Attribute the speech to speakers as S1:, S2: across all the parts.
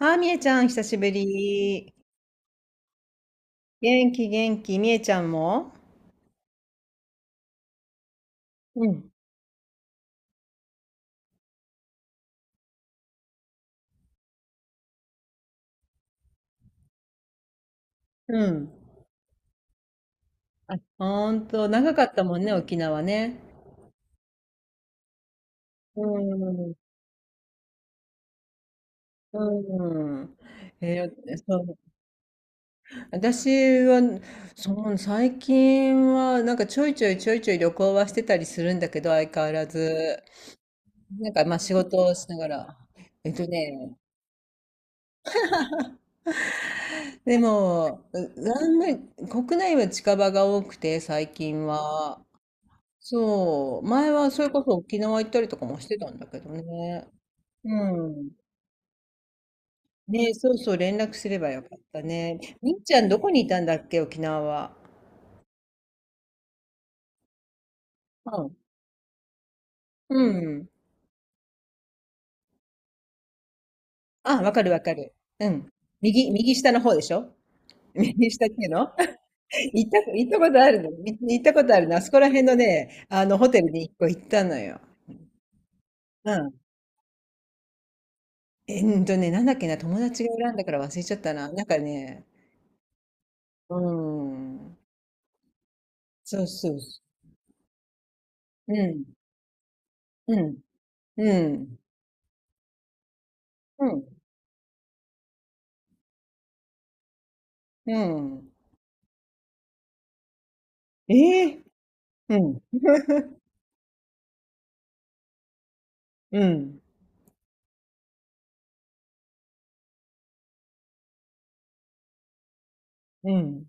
S1: あー、みえちゃん、久しぶり。元気、元気。みえちゃんも、うん。うん。あ、ほんと、長かったもんね、沖縄ね。うん。うん。そう。私は、そう、最近は、ちょいちょい旅行はしてたりするんだけど、相変わらず。まあ仕事をしながら。えっとね、でも、うあんまり国内は近場が多くて、最近は。そう、前はそれこそ沖縄行ったりとかもしてたんだけどね。うん。ね、そうそう、連絡すればよかったね。みっちゃんどこにいたんだっけ、沖縄は。うん。うん。あ、わかるわかる。うん。右、右下の方でしょ？ 右下っていうの 行った、行ったことあるの。み行ったことあるの。あそこら辺のね、あの、ホテルに一個行ったのよ。うん。えんとね、なんだっけな、友達が選んだから忘れちゃったな。うん。そうそうそう。うん。うん。うん。うん。うん。ええ。うん。うん。うん。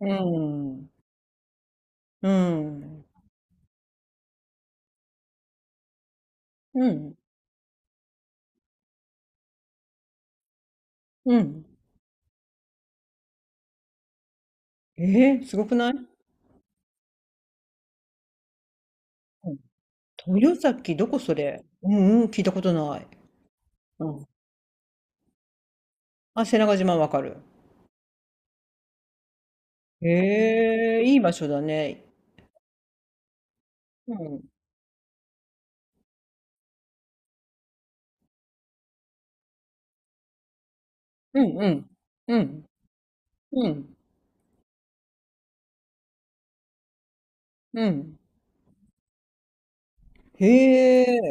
S1: うん。うん。うん。うん。ええ、すごくない？うん。豊崎、どこそれ？うんうん、聞いたことない。うん。あ、瀬長島わかる。へえ、いい場所だね。うん。うんうん。うん。うん。うん。へ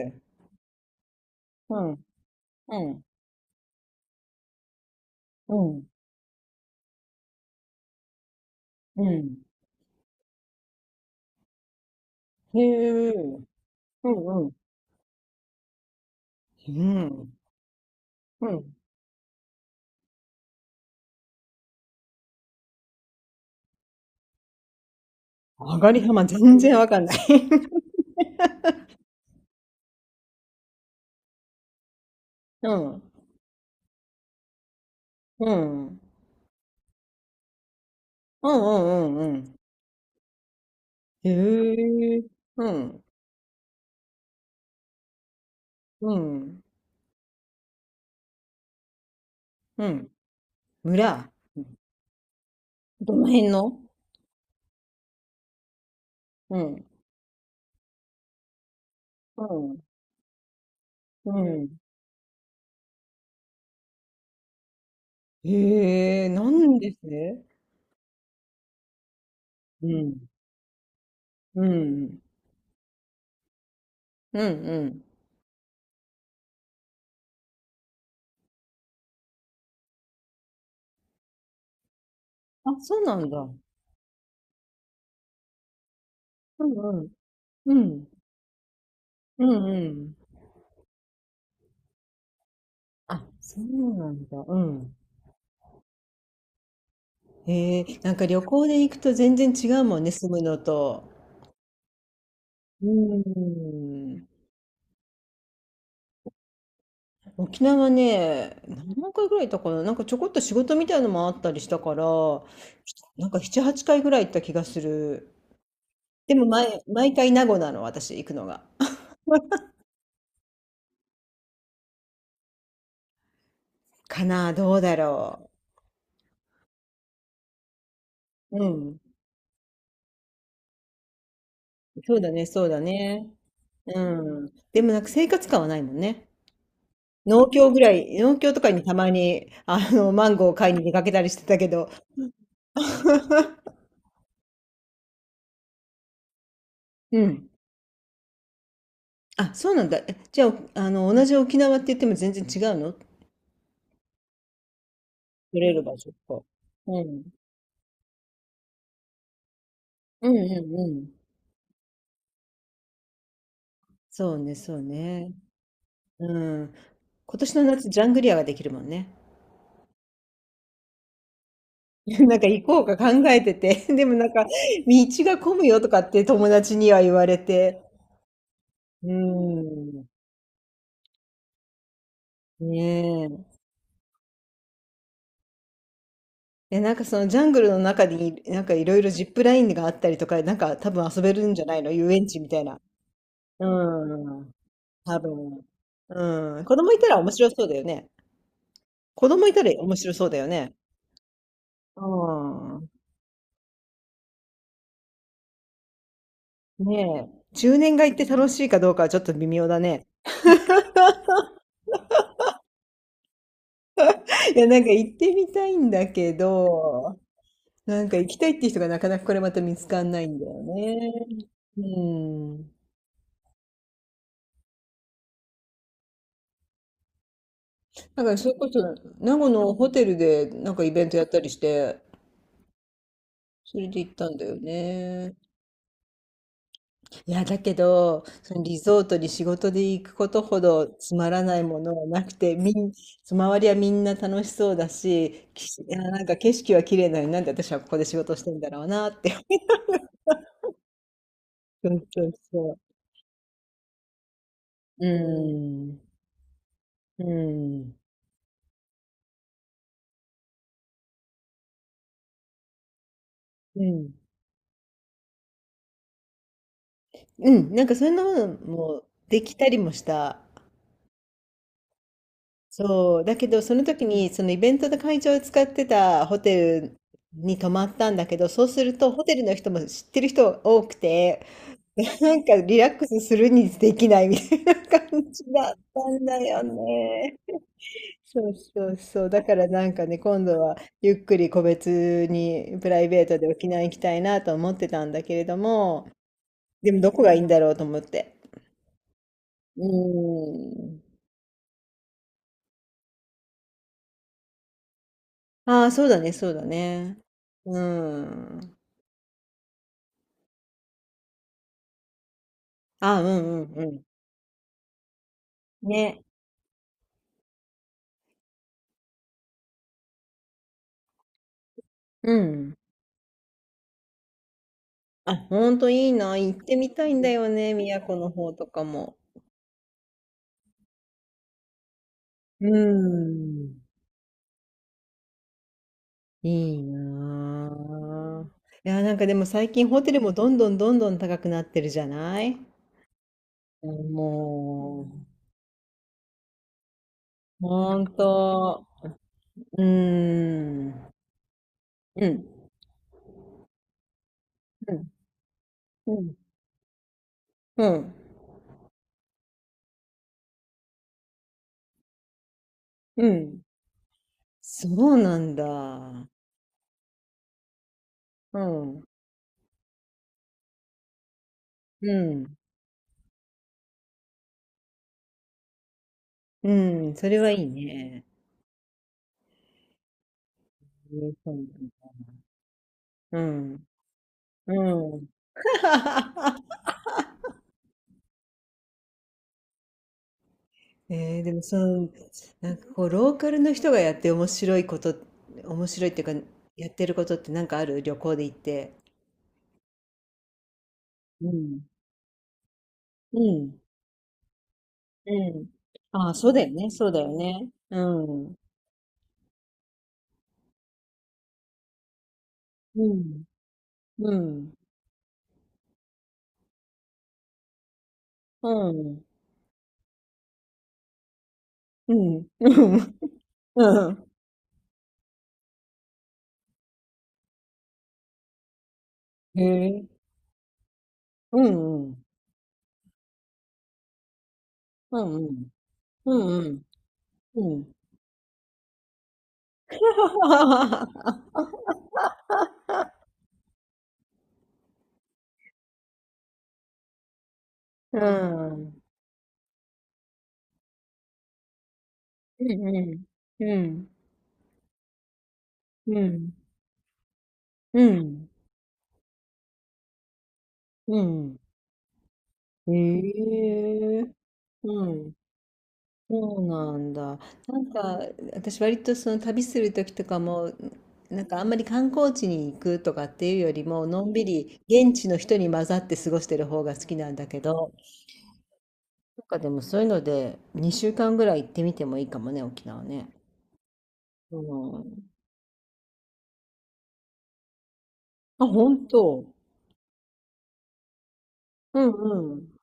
S1: え。うん。うん。うん。うん。へえ。うんうん。うん。うん。上がり幅全然わかんない。 うん。うん。うんうんうんうん。へえ。うん。うん。うん。村。どの辺の？うん。うん。うん。へえ、なんですね。うん。うん。うんうん。あ、そうなんだ。うんうん。うん。うんうん。あ、そうなんだ。うん。へえ、なんか旅行で行くと全然違うもんね、住むのと。うん。沖縄ね、何回ぐらい行ったかな、なんかちょこっと仕事みたいのもあったりしたから、なんか7、8回ぐらい行った気がする。でも毎、毎回名護なの、私行くのが。かな、どうだろう。うん。そうだね、そうだね。うん。でもなんか生活感はないもんね。農協ぐらい、農協とかにたまに、あの、マンゴーを買いに出かけたりしてたけど、うん。あ、そうなんだ。えじゃあ、あの、同じ沖縄って言っても全然違うの取れる場所とか。うん。うんうんうん。そうね、そうね。うん。今年の夏、ジャングリアができるもんね。なんか行こうか考えてて、でもなんか、道が混むよとかって友達には言われて。うーん。ねえ。え、そのジャングルの中に、なんかいろいろジップラインがあったりとか、なんか多分遊べるんじゃないの、遊園地みたいな。うん。多分。うん。子供いたら面白そうだよね。子供いたら面白そうだよね。うん。ねえ、10年が行って楽しいかどうかはちょっと微妙だね。いや、なんか行ってみたいんだけど、なんか行きたいって人がなかなかこれまた見つかんないんだよね。うん。だからそれこそ、名護のホテルでなんかイベントやったりして、それで行ったんだよね。いや、だけど、そのリゾートに仕事で行くことほどつまらないものはなくて、みん、周りはみんな楽しそうだし、きいや、なんか景色は綺麗なのになんで私はここで仕事してんだろうなって。そうそうそう。う。うん。ん。うん。うん。うん。なんかそんなのもできたりもした。そう。だけど、その時に、そのイベントの会場を使ってたホテルに泊まったんだけど、そうすると、ホテルの人も知ってる人が多くて、なんかリラックスするにできないみたいな感じだったんだよね。そうそうそう。だからなんかね、今度はゆっくり個別にプライベートで沖縄行きたいなと思ってたんだけれども、でもどこがいいんだろうと思って。うーん。ああ、そうだね、そうだね。うん。ああ、うんうんうん。ね。うん。あ、ほんといいな。行ってみたいんだよね、宮古の方とかも。うーん。いいなあ。いや、なんかでも最近ホテルもどんどんどんどん高くなってるじゃない？もう、ほんと、うーん、うん、うん、うん、うん、うん、そうなんだ。うん、うん、うん、それはいいね。うん、うん。えー、でもその、なんかこう、ローカルの人がやって面白いこと、面白いっていうか、やってることってなんかある、旅行で行って。うん、うん、うん。ああ、そうだよね、そうだよね。うん。うん。うん。うん。うん。うん。うん。へえ。うんうん。うんうん。うんうん。うん。うん。うんうん。うん。うん。うん。うん。へえ。うん。そうなんだ。なんか、私割とその旅する時とかも、なんかあんまり観光地に行くとかっていうよりも、のんびり現地の人に混ざって過ごしてる方が好きなんだけど、なんかでもそういうので2週間ぐらい行ってみてもいいかもね、沖縄ね。うん。あ、本当。うんうん。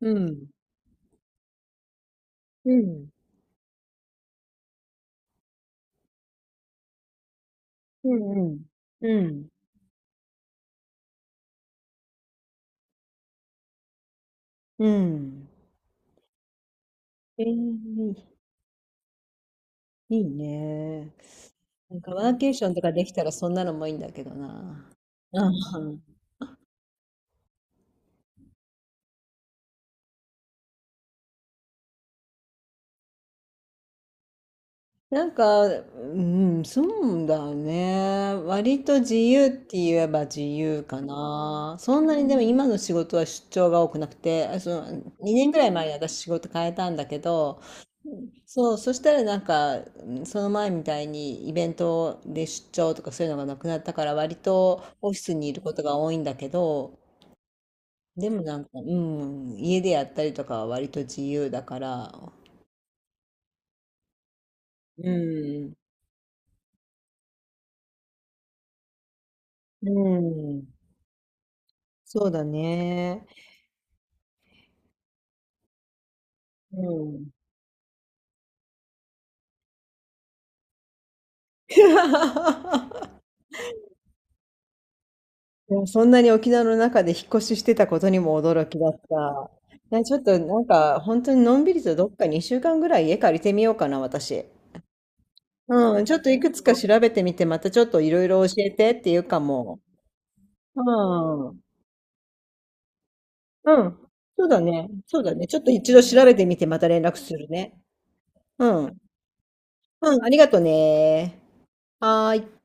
S1: うん。うん。うんうん。うん。うん。えー、いいね。なんかワーケーションとかできたらそんなのもいいんだけどな。うん。うん、そうだね。割と自由って言えば自由かな。そんなにでも今の仕事は出張が多くなくて、あその2年ぐらい前に私仕事変えたんだけど、そう、そしたらなんか、うん、その前みたいにイベントで出張とかそういうのがなくなったから割とオフィスにいることが多いんだけど、でもなんか、うん、家でやったりとかは割と自由だから、うん、うん、そうだね。うん。いや、そんなに沖縄の中で引っ越ししてたことにも驚きだった。ね、ちょっとなんか本当にのんびりとどっか2週間ぐらい家借りてみようかな、私。うん、ちょっといくつか調べてみて、またちょっといろいろ教えてっていうかも。うん。うん。そうだね。そうだね。ちょっと一度調べてみて、また連絡するね。うん。うん、ありがとね。はーい。